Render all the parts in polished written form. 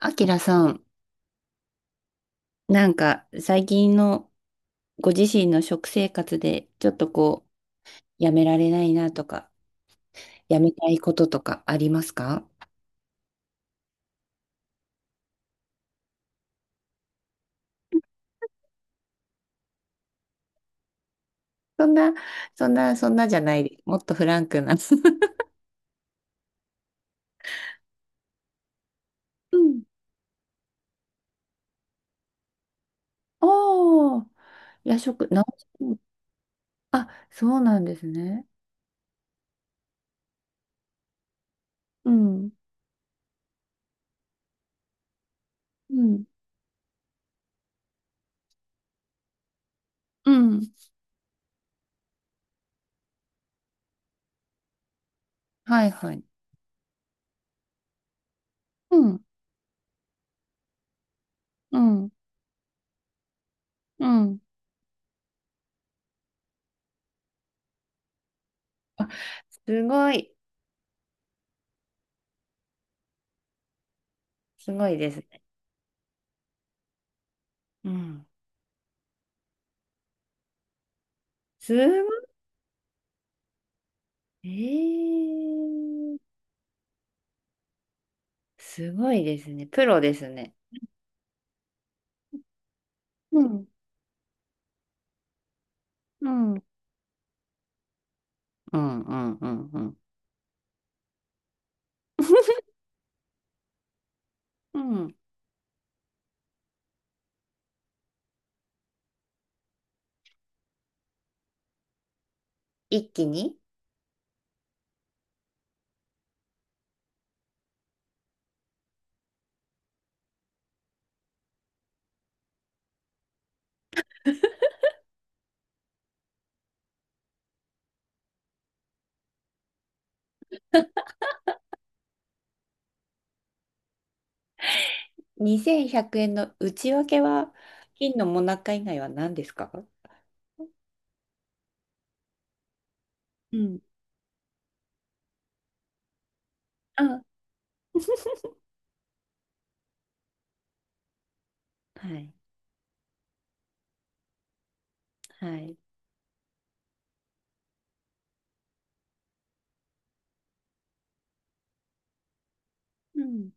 あきらさん、最近のご自身の食生活でちょっとやめられないなとか、やめたいこととかありますか？そんな、そんなじゃないです。もっとフランクな。うん。おー、夜食、な、そうなんですね。うん。うん。うん。はいはい。うん。うん。うん。すごい。すごいですね。うん。すごい。えー。すごいですね。プロですね。うん、うん、うんうんうんうん。うん。一気に。2100円の内訳は金のもなか以外は何ですか？うん、あ、はい。はい。うん、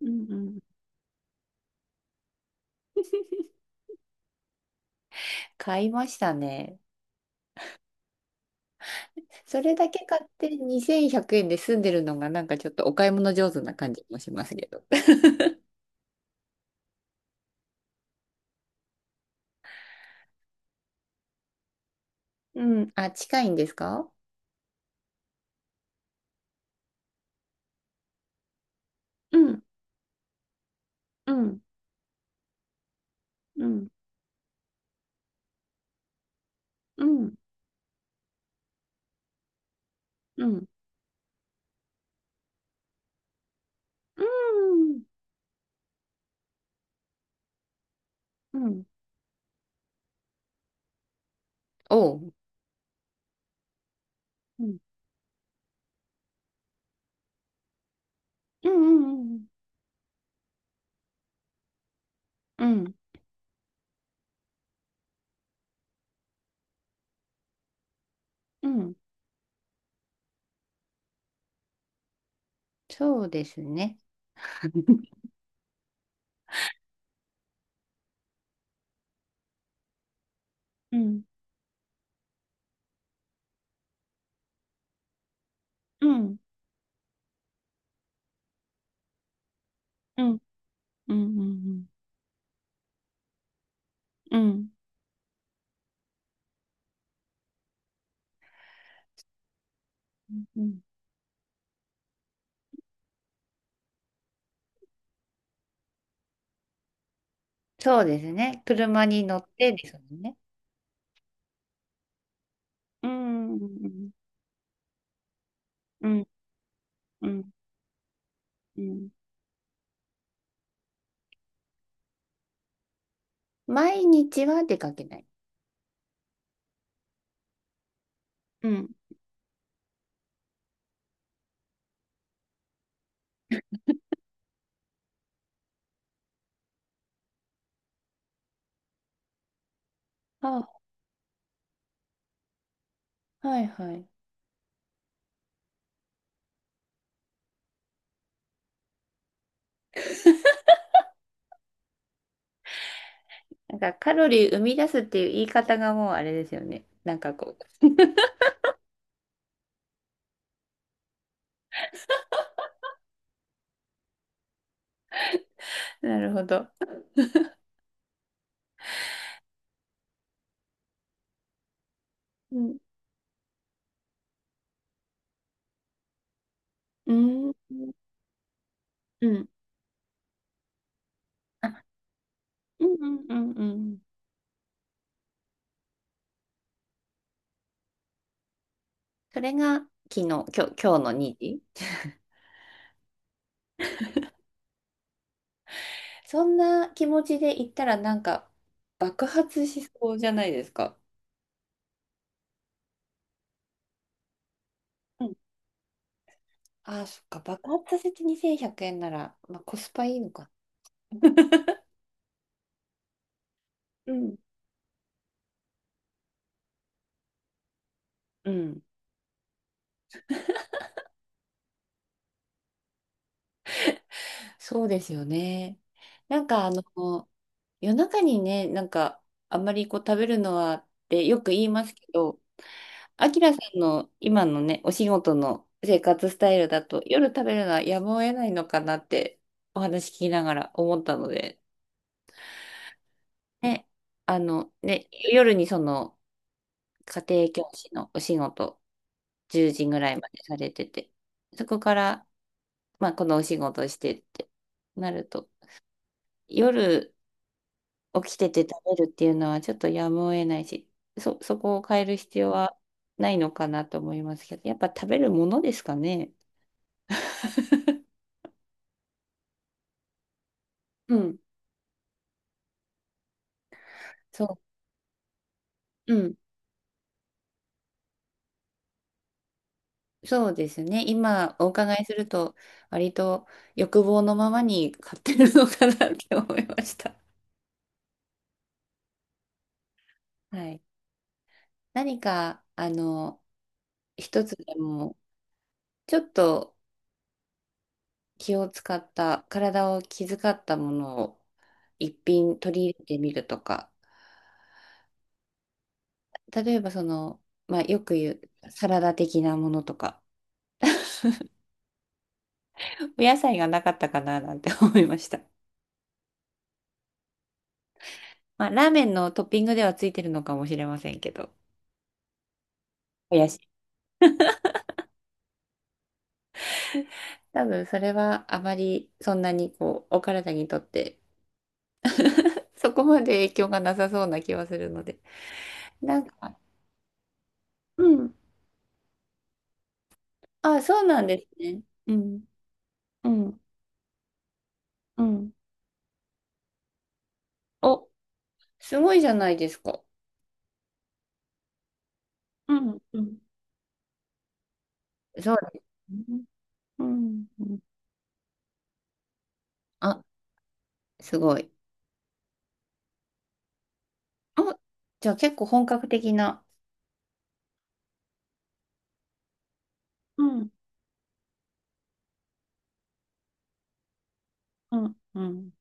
うん、うん。買いましたね。それだけ買って2100円で済んでるのがちょっとお買い物上手な感じもしますけど。うん。あ、近いんですか？うん、うん、うん、うん、うん。うんうん。おう。うん。うんうんうんうん。うん。うん。そうですね。うん。うん。うん。うん。うん。うん。そうですね。車に乗ってですもんね。うん。うん。うん。うん。毎日は出かけない。うん。あ、はいはい。カロリー生み出すっていう言い方がもうあれですよね。なるほど。うん。うん。うん。あ、うんうんうんうん。それが昨日、今日、今日の2時。そんな気持ちで行ったらなんか爆発しそうじゃないですか？うん。ああ、そっか、爆発させて2100円なら、まあ、コスパいいのか。うん。うん、そうですよね。なんかあの、夜中にね、あんまりこう食べるのはってよく言いますけど、あきらさんの今のね、お仕事の生活スタイルだと、夜食べるのはやむを得ないのかなってお話聞きながら思ったので、ね、あの、ね、夜にその家庭教師のお仕事、10時ぐらいまでされてて、そこから、まあ、このお仕事してってなると、夜起きてて食べるっていうのはちょっとやむを得ないし、そこを変える必要はないのかなと思いますけど、やっぱ食べるものですかね。うん、そう、うん、そうですね。今お伺いすると、割と欲望のままに買ってるのかなって思いました。はい。何か、あの、一つでも、ちょっと気を使った、体を気遣ったものを一品取り入れてみるとか、例えばその、まあ、よく言うサラダ的なものとか、お野菜がなかったかななんて思いました。まあ、ラーメンのトッピングではついてるのかもしれませんけど、おやし。多分それはあまりそんなにこう、お体にとって、そこまで影響がなさそうな気はするので、なんか、うん。あ、そうなんですね。うん。うん、うん、お、すごいじゃないですか。うん、うん。そうですね。うん、うん、あ、すごい。あ、じゃあ結構本格的な。うん、うん、うん、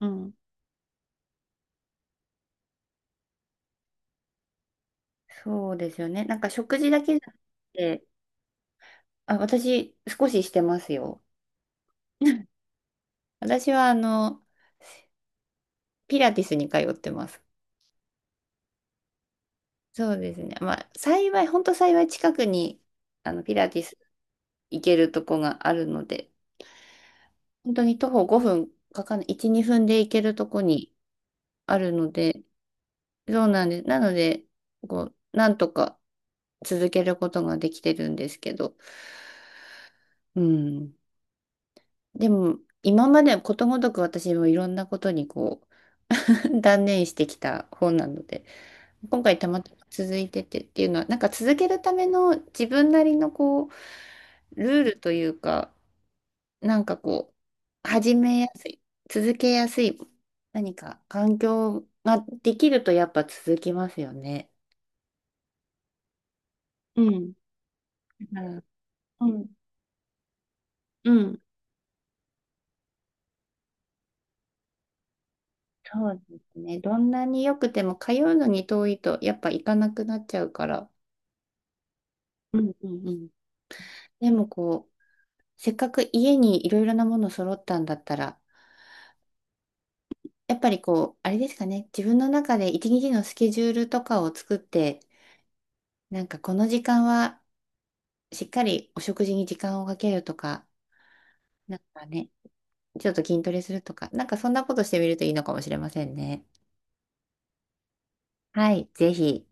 うん。そうですよね。食事だけじゃなくて、あ、私少ししてますよ。私はあの、ピラティスに通ってます。そうですね。まあ、幸い、本当幸い近くに、あの、ピラティス行けるとこがあるので、本当に徒歩5分かかんない、1、2分で行けるとこにあるので、そうなんです。なので、こう、なんとか続けることができてるんですけど、うん。でも、今までことごとく私もいろんなことにこう、断念してきた方なので、今回たまたま続いててっていうのは、続けるための自分なりのこう、ルールというか、なんかこ始めやすい、続けやすい、何か環境ができるとやっぱ続きますよね。うん。だから。うん。うん。そうですね。どんなに良くても通うのに遠いとやっぱ行かなくなっちゃうから。うんうんうん。でもこう、せっかく家にいろいろなもの揃ったんだったら、やっぱりこう、あれですかね、自分の中で一日のスケジュールとかを作って、なんかこの時間はしっかりお食事に時間をかけるとか、なんかね、ちょっと筋トレするとか、なんかそんなことしてみるといいのかもしれませんね。はい、ぜひ。